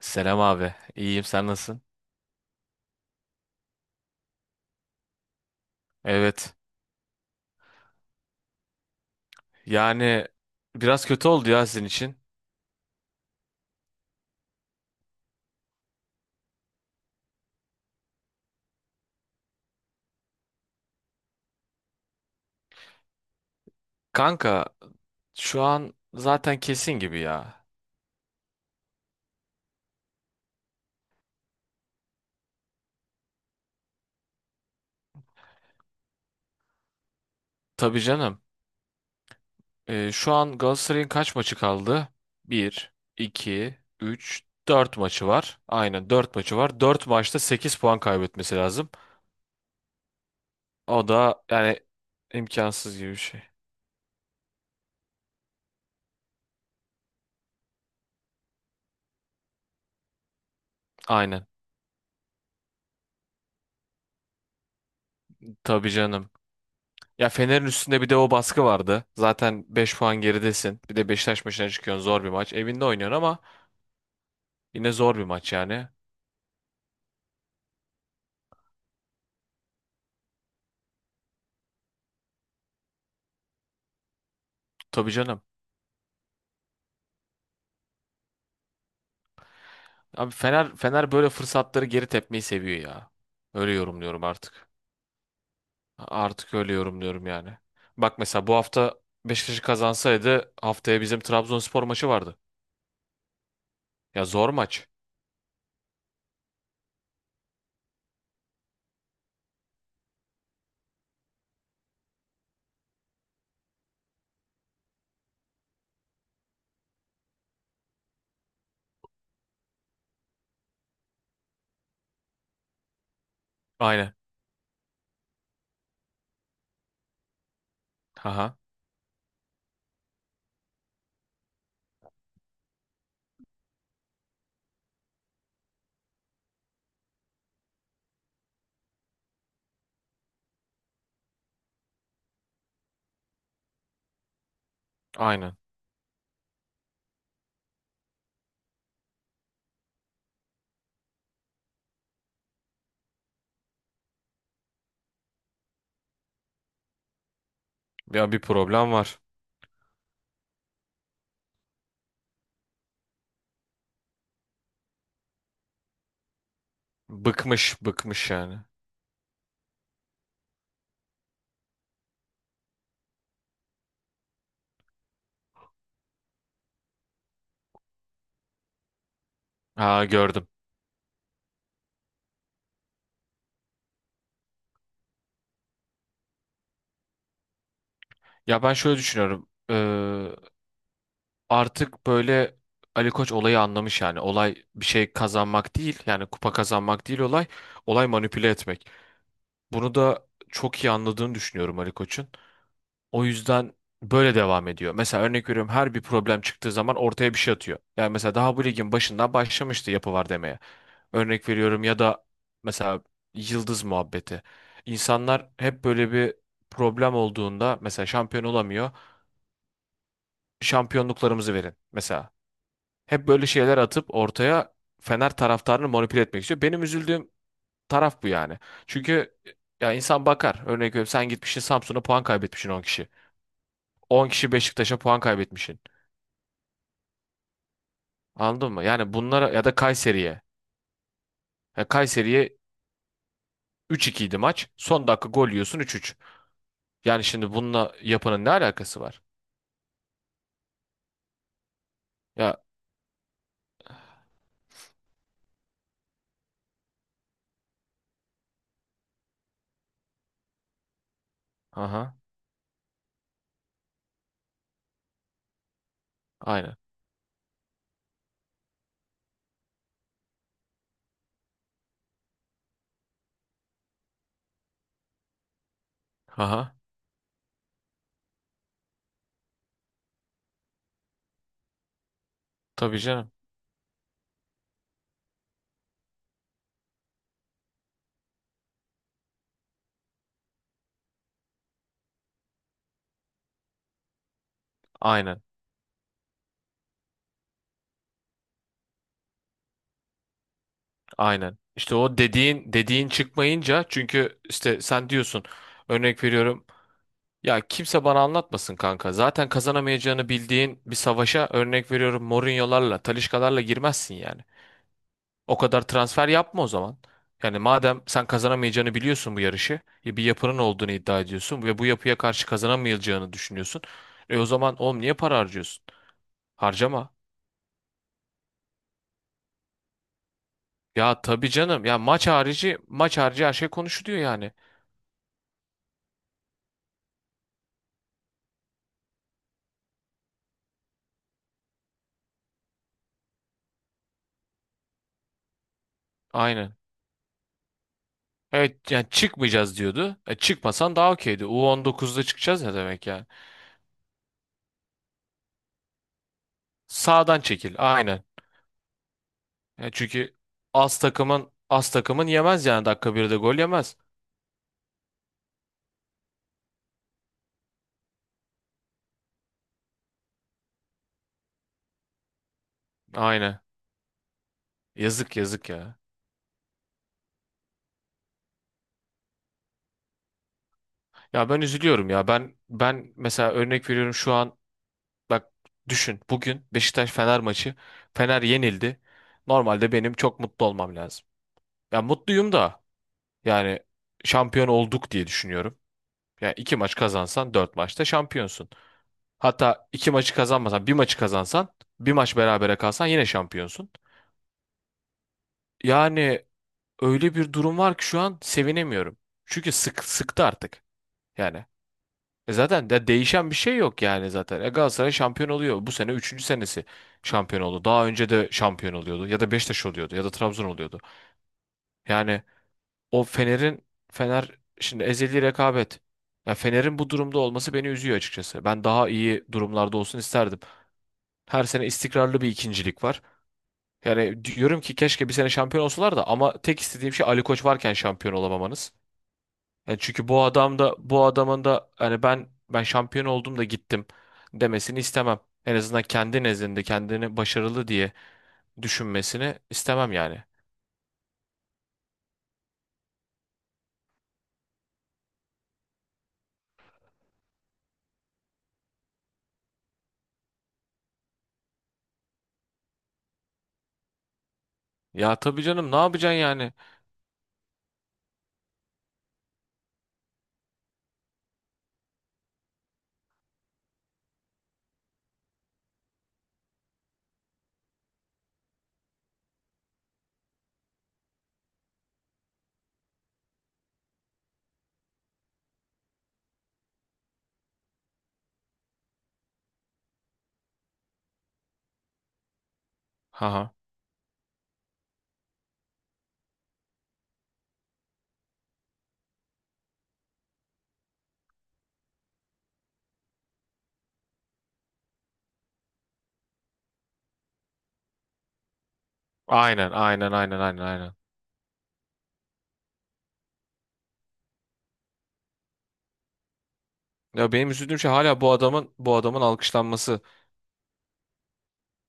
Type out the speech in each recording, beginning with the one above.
Selam abi. İyiyim sen nasılsın? Evet. Yani biraz kötü oldu ya sizin için. Kanka şu an zaten kesin gibi ya. Tabii canım. Şu an Galatasaray'ın kaç maçı kaldı? Bir, 2, 3, 4 maçı var. Aynen 4 maçı var. 4 maçta 8 puan kaybetmesi lazım. O da yani imkansız gibi bir şey. Aynen. Tabii canım. Ya Fener'in üstünde bir de o baskı vardı. Zaten 5 puan geridesin. Bir de Beşiktaş maçına çıkıyorsun. Zor bir maç. Evinde oynuyorsun ama yine zor bir maç yani. Tabii canım. Abi Fener böyle fırsatları geri tepmeyi seviyor ya. Öyle yorumluyorum artık. Artık öyle yorumluyorum yani. Bak mesela bu hafta Beşiktaş kazansaydı haftaya bizim Trabzonspor maçı vardı. Ya zor maç. Aynen. Aha. Aynen. Ya bir problem var. Bıkmış, bıkmış yani. Ha gördüm. Ya ben şöyle düşünüyorum. Artık böyle Ali Koç olayı anlamış yani. Olay bir şey kazanmak değil yani kupa kazanmak değil olay. Olay manipüle etmek. Bunu da çok iyi anladığını düşünüyorum Ali Koç'un. O yüzden böyle devam ediyor. Mesela örnek veriyorum her bir problem çıktığı zaman ortaya bir şey atıyor. Yani mesela daha bu ligin başından başlamıştı yapı var demeye. Örnek veriyorum ya da mesela yıldız muhabbeti. İnsanlar hep böyle bir problem olduğunda mesela şampiyon olamıyor. Şampiyonluklarımızı verin mesela. Hep böyle şeyler atıp ortaya Fener taraftarını manipüle etmek istiyor. Benim üzüldüğüm taraf bu yani. Çünkü ya insan bakar. Örnek veriyorum sen gitmişsin Samsun'a puan kaybetmişsin 10 kişi. 10 kişi Beşiktaş'a puan kaybetmişsin. Anladın mı? Yani bunlara ya da Kayseri'ye. Ya Kayseri'ye üç 2 idi maç. Son dakika gol yiyorsun üç üç. Yani şimdi bununla yapanın ne alakası var? Ya aha aynen. Aha tabii canım. Aynen. Aynen. İşte o dediğin çıkmayınca çünkü işte sen diyorsun örnek veriyorum. Ya kimse bana anlatmasın kanka. Zaten kazanamayacağını bildiğin bir savaşa örnek veriyorum Mourinho'larla, Talisca'larla girmezsin yani. O kadar transfer yapma o zaman. Yani madem sen kazanamayacağını biliyorsun bu yarışı, bir yapının olduğunu iddia ediyorsun ve bu yapıya karşı kazanamayacağını düşünüyorsun. E o zaman oğlum niye para harcıyorsun? Harcama. Ya tabii canım. Ya maç harici, maç harici her şey konuşuluyor yani. Aynen. Evet yani çıkmayacağız diyordu. E, çıkmasan daha okeydi. U on dokuzda çıkacağız ne demek yani? Sağdan çekil. Aynen. Ya çünkü az takımın yemez yani dakika birde gol yemez. Aynen. Yazık yazık ya. Ya ben üzülüyorum ya. Ben mesela örnek veriyorum şu an bak düşün bugün Beşiktaş Fener maçı. Fener yenildi. Normalde benim çok mutlu olmam lazım. Ya mutluyum da yani şampiyon olduk diye düşünüyorum. Ya iki maç kazansan dört maçta şampiyonsun. Hatta iki maçı kazanmasan bir maçı kazansan bir maç berabere kalsan yine şampiyonsun. Yani öyle bir durum var ki şu an sevinemiyorum. Çünkü sık sıktı artık. Yani zaten de değişen bir şey yok yani zaten. E Galatasaray şampiyon oluyor. Bu sene üçüncü senesi şampiyon oldu. Daha önce de şampiyon oluyordu. Ya da Beşiktaş oluyordu ya da Trabzon oluyordu. Yani o Fener şimdi ezeli rekabet. Ya Fener'in bu durumda olması beni üzüyor açıkçası. Ben daha iyi durumlarda olsun isterdim. Her sene istikrarlı bir ikincilik var. Yani diyorum ki keşke bir sene şampiyon olsalar da ama tek istediğim şey Ali Koç varken şampiyon olamamanız. Yani çünkü bu adam da bu adamın da hani ben şampiyon oldum da gittim demesini istemem. En azından kendi nezdinde kendini başarılı diye düşünmesini istemem yani. Ya tabii canım ne yapacaksın yani? Haha. Aynen aynen aynen aynen aynen. Ya benim üzüldüğüm şey hala bu adamın alkışlanması.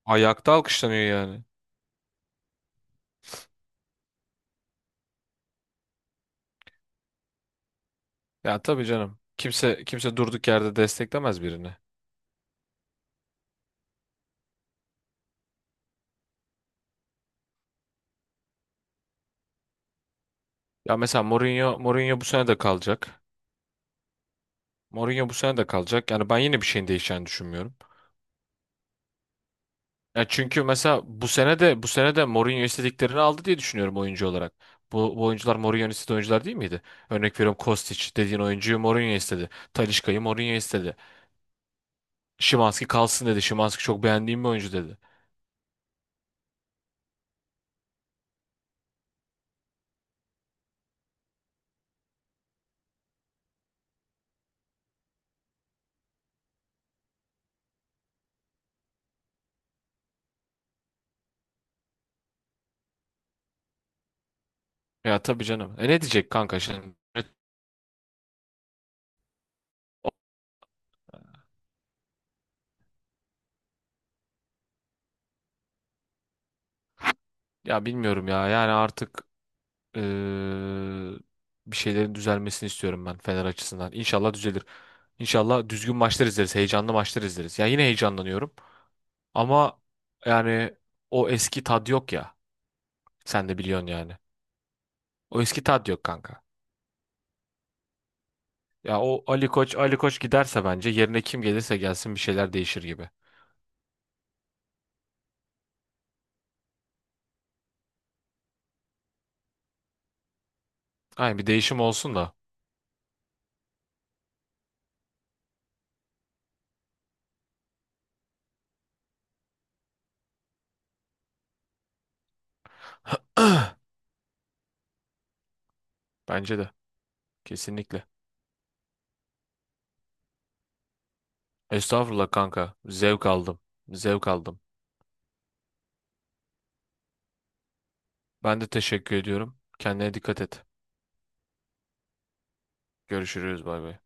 Ayakta alkışlanıyor yani. Ya tabii canım. Kimse durduk yerde desteklemez birini. Ya mesela Mourinho bu sene de kalacak. Mourinho bu sene de kalacak. Yani ben yine bir şeyin değişeceğini düşünmüyorum. Ya çünkü mesela bu sene de Mourinho istediklerini aldı diye düşünüyorum oyuncu olarak. Bu oyuncular Mourinho'nun istediği oyuncular değil miydi? Örnek veriyorum Kostić dediğin oyuncuyu Mourinho istedi. Talisca'yı Mourinho istedi. Szymański kalsın dedi. Szymański çok beğendiğim bir oyuncu dedi. Ya tabii canım. E ne diyecek kanka şimdi? Ya bilmiyorum ya. Yani artık eee, bir şeylerin düzelmesini istiyorum ben Fener açısından. İnşallah düzelir. İnşallah düzgün maçlar izleriz. Heyecanlı maçlar izleriz. Ya yine heyecanlanıyorum. Ama yani o eski tad yok ya. Sen de biliyorsun yani. O eski tad yok kanka. Ya o Ali Koç giderse bence yerine kim gelirse gelsin bir şeyler değişir gibi. Aynen bir değişim olsun da. Bence de. Kesinlikle. Estağfurullah kanka. Zevk aldım. Zevk aldım. Ben de teşekkür ediyorum. Kendine dikkat et. Görüşürüz. Bay bay.